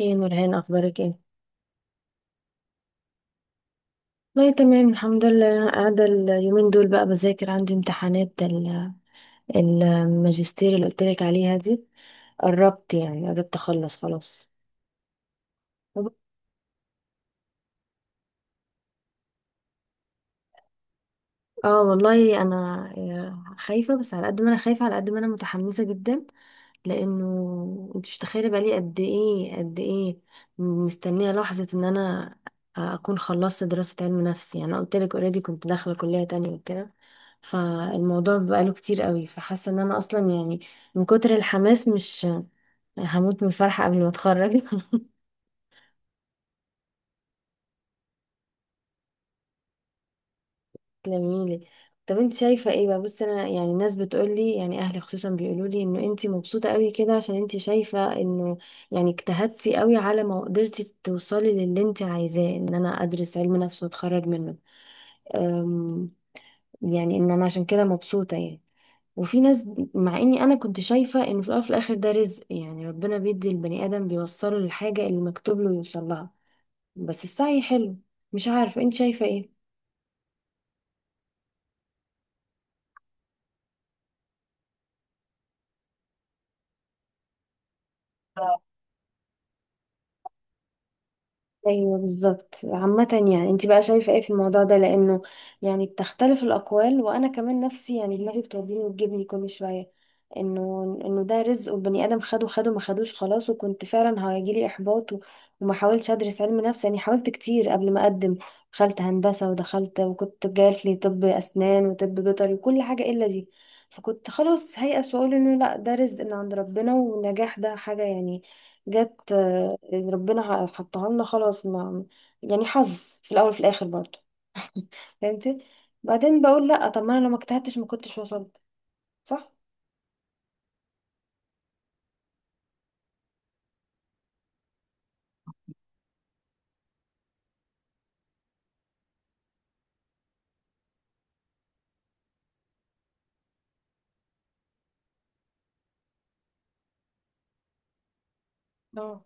ايه يا نورهان، اخبارك ايه؟ والله تمام الحمد لله. أنا قاعده اليومين دول بقى بذاكر، عندي امتحانات الماجستير اللي قلت لك عليها دي. قربت، يعني قربت اخلص خلاص. اه والله انا، خايفه، بس على قد ما انا خايفه على قد ما انا متحمسه جدا، لانه انت مش متخيله بقالي قد ايه قد ايه مستنيه لحظه ان انا اكون خلصت دراسه علم نفس. يعني انا قلت لك اوريدي كنت داخله كليه تانية وكده، فالموضوع بقاله كتير قوي، فحاسه ان انا اصلا يعني من كتر الحماس مش هموت من الفرحه قبل ما اتخرج. تلميلي. طب انت شايفة ايه بقى؟ بصي، انا يعني الناس بتقولي، يعني اهلي خصوصا بيقولولي، انه انت مبسوطة قوي كده عشان انت شايفة انه يعني اجتهدتي قوي على ما قدرتي توصلي للي انت عايزاه، ان انا ادرس علم نفس واتخرج منه. أم، يعني ان انا عشان كده مبسوطة يعني. وفي ناس، مع اني انا كنت شايفة انه في الأول وفي الاخر ده رزق، يعني ربنا بيدي البني ادم بيوصله للحاجة اللي مكتوب له يوصل لها، بس السعي حلو. مش عارفة انت شايفة ايه. ايوه بالظبط. عامة، يعني انت بقى شايفة ايه في الموضوع ده؟ لانه يعني بتختلف الاقوال، وانا كمان نفسي، يعني دماغي بتوديني وتجيبني كل شوية، انه انه ده رزق والبني ادم خده خده ما خدوش خلاص، وكنت فعلا هيجيلي احباط وما حاولتش ادرس علم نفس. يعني حاولت كتير قبل ما اقدم، دخلت هندسة ودخلت، وكنت جات لي طب اسنان وطب بيطري وكل حاجة الا دي. فكنت خلاص هيأس واقول انه لا، ده رزق من عند ربنا والنجاح ده حاجة يعني جت، ربنا حطها لنا خلاص، ما يعني حظ في الاول وفي الاخر برضه، فهمتي. بعدين بقول لا، طب ما انا لو ما اجتهدتش ما كنتش وصلت، صح. اه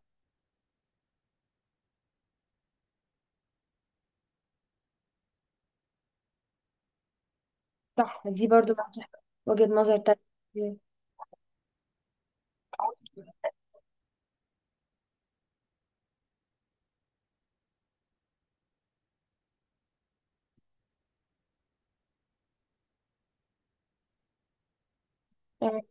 صح، دي برضه معاكي حق. وجهة نظر تانية. اه.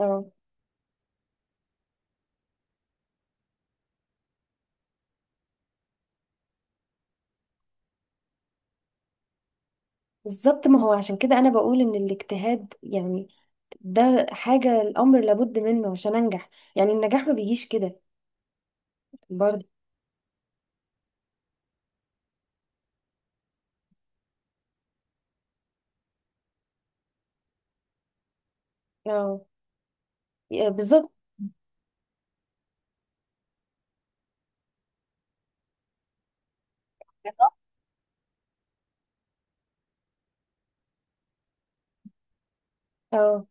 آه. بالظبط، ما هو عشان كده انا بقول ان الاجتهاد يعني ده حاجة الامر لابد منه عشان انجح، يعني النجاح ما بيجيش كده برضه. اه بالظبط. اه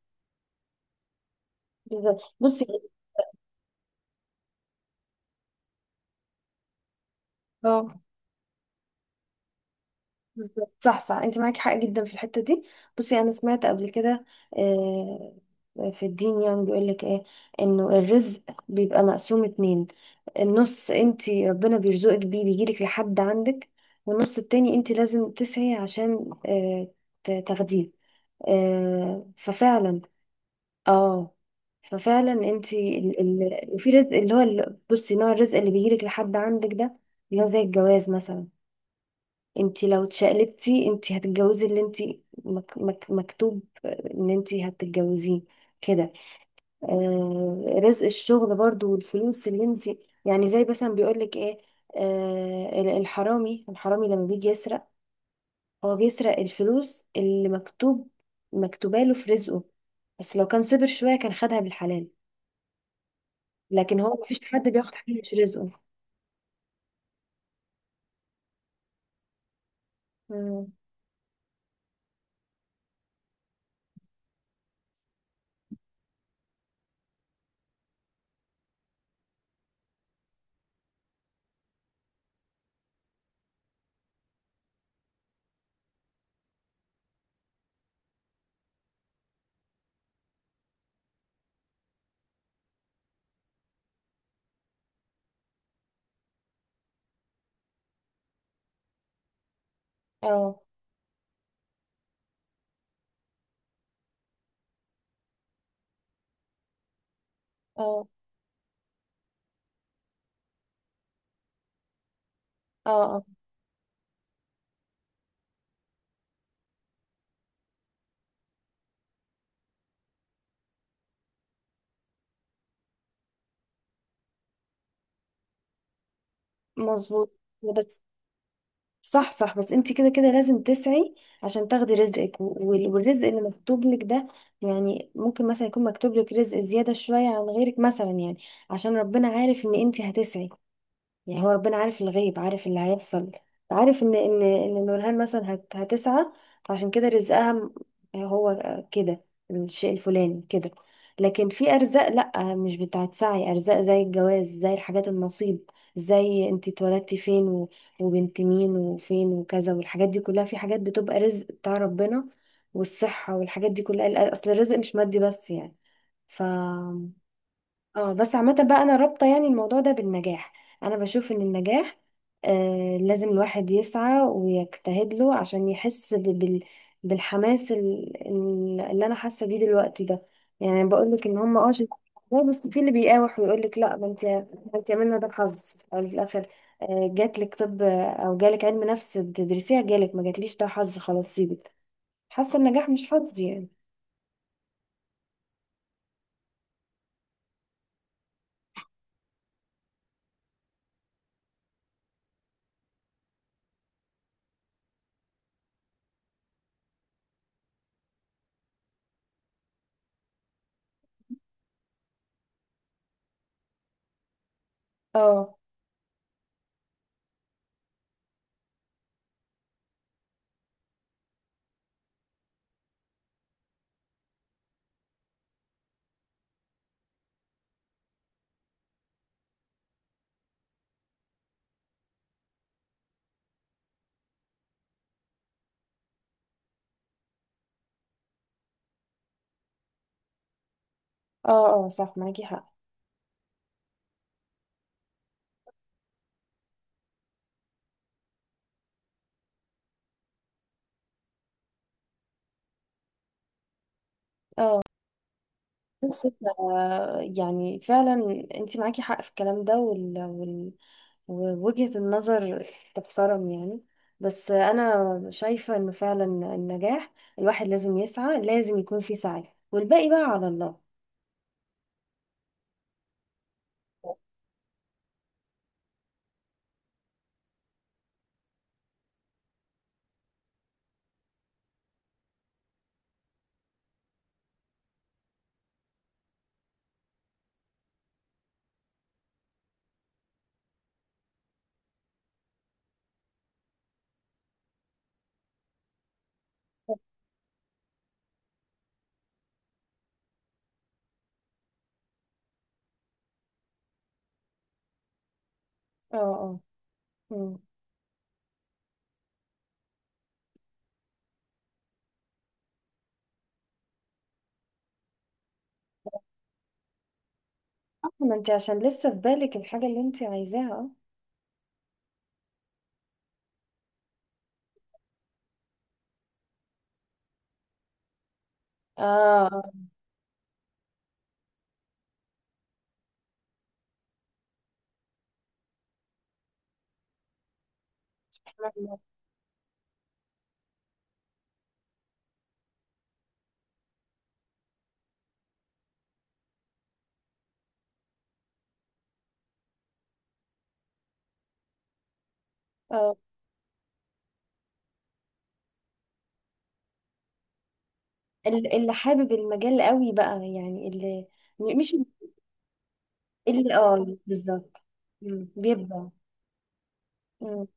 بالظبط. بصي، اه بالظبط، صح صح، انت معاكي حق جدا في الحته دي. بصي انا سمعت قبل كده، آه، في الدين يعني بيقول لك ايه، انه الرزق بيبقى مقسوم اتنين. النص انت ربنا بيرزقك بيه بيجيلك لحد عندك، والنص التاني انت لازم تسعي عشان، تاخديه. ففعلا. اه ففعلا انت، في رزق اللي هو بصي، نوع الرزق اللي بيجيلك لحد عندك ده اللي هو زي الجواز مثلا، انت لو اتشقلبتي انت هتتجوزي اللي انت مك مكتوب ان انت هتتجوزيه كده. آه، رزق الشغل برضو، والفلوس اللي انت يعني زي مثلا بيقولك ايه، الحرامي الحرامي لما بيجي يسرق، هو بيسرق الفلوس اللي مكتوباله في رزقه، بس لو كان صبر شوية كان خدها بالحلال. لكن هو مفيش حد بياخد حاجة مش رزقه. مم. اه اه اه اه، مظبوط. بس صح صح، بس انت كده كده لازم تسعي عشان تاخدي رزقك، والرزق اللي مكتوب لك ده، يعني ممكن مثلا يكون مكتوب لك رزق زيادة شوية عن غيرك مثلا، يعني عشان ربنا عارف ان انت هتسعي. يعني هو ربنا عارف الغيب، عارف اللي هيحصل، عارف ان نورهان مثلا هتسعى، عشان كده رزقها هو كده، الشيء الفلاني كده. لكن في ارزاق لا، مش بتاعت سعي، ارزاق زي الجواز، زي الحاجات النصيب، زي انت اتولدتي فين، وبنت مين وفين وكذا، والحاجات دي كلها، في حاجات بتبقى رزق بتاع ربنا. والصحة والحاجات دي كلها، اصل الرزق مش مادي بس يعني. ف اه. بس عامة بقى، انا رابطة يعني الموضوع ده بالنجاح، انا بشوف ان النجاح لازم الواحد يسعى ويجتهد له عشان يحس بالحماس اللي انا حاسة بيه دلوقتي ده، يعني بقول لك ان هم شايفين الموضوع. بس في اللي بيقاوح ويقول لك لا، ما انت عملنا ده حظ، يعني في الاخر، جات لك طب او جالك علم نفس تدرسيها، جالك، ما جاتليش، ده حظ خلاص سيبك. حاسة النجاح مش حظ يعني. اه اه اه صح معاكي حق. اه، بس يعني فعلا انت معاكي حق في الكلام ده، ووجهة النظر تحترم يعني. بس انا شايفة انه فعلا النجاح الواحد لازم يسعى، لازم يكون في سعي والباقي بقى على الله. اه اه. مم. آه، ما انت عشان لسه في بالك الحاجة اللي انت عايزاها. اه اه. آه. آه. اللي حابب المجال قوي بقى، يعني اللي مش، اللي اه بالظبط. مم. بيبدع. مم.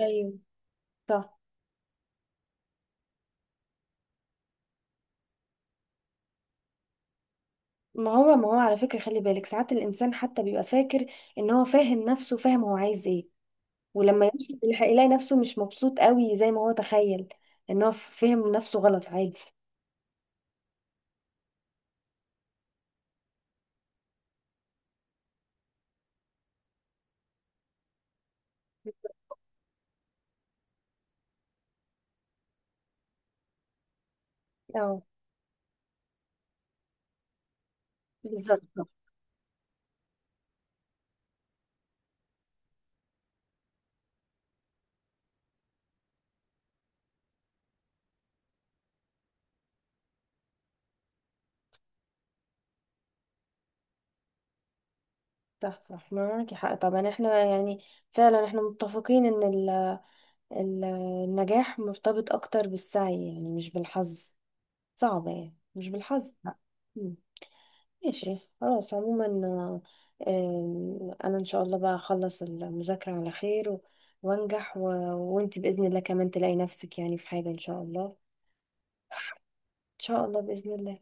ايوه صح. ما هو على فكرة، خلي بالك ساعات الإنسان حتى بيبقى فاكر إن هو فاهم نفسه، فاهم هو عايز إيه، ولما يمشي في الحقيقة يلاقي نفسه مش مبسوط قوي زي ما هو تخيل، إن هو فهم نفسه غلط، عادي. اه بالظبط. صح صح. صح معاكي حق طبعا. احنا يعني فعلا احنا متفقين ان ال- النجاح مرتبط اكتر بالسعي يعني، مش بالحظ، صعب يعني مش بالحظ. ماشي خلاص. عموما، انا ان شاء الله بقى اخلص المذاكرة على خير وانجح، وانت بإذن الله كمان تلاقي نفسك يعني في حاجة ان شاء الله. ان شاء الله. بإذن الله.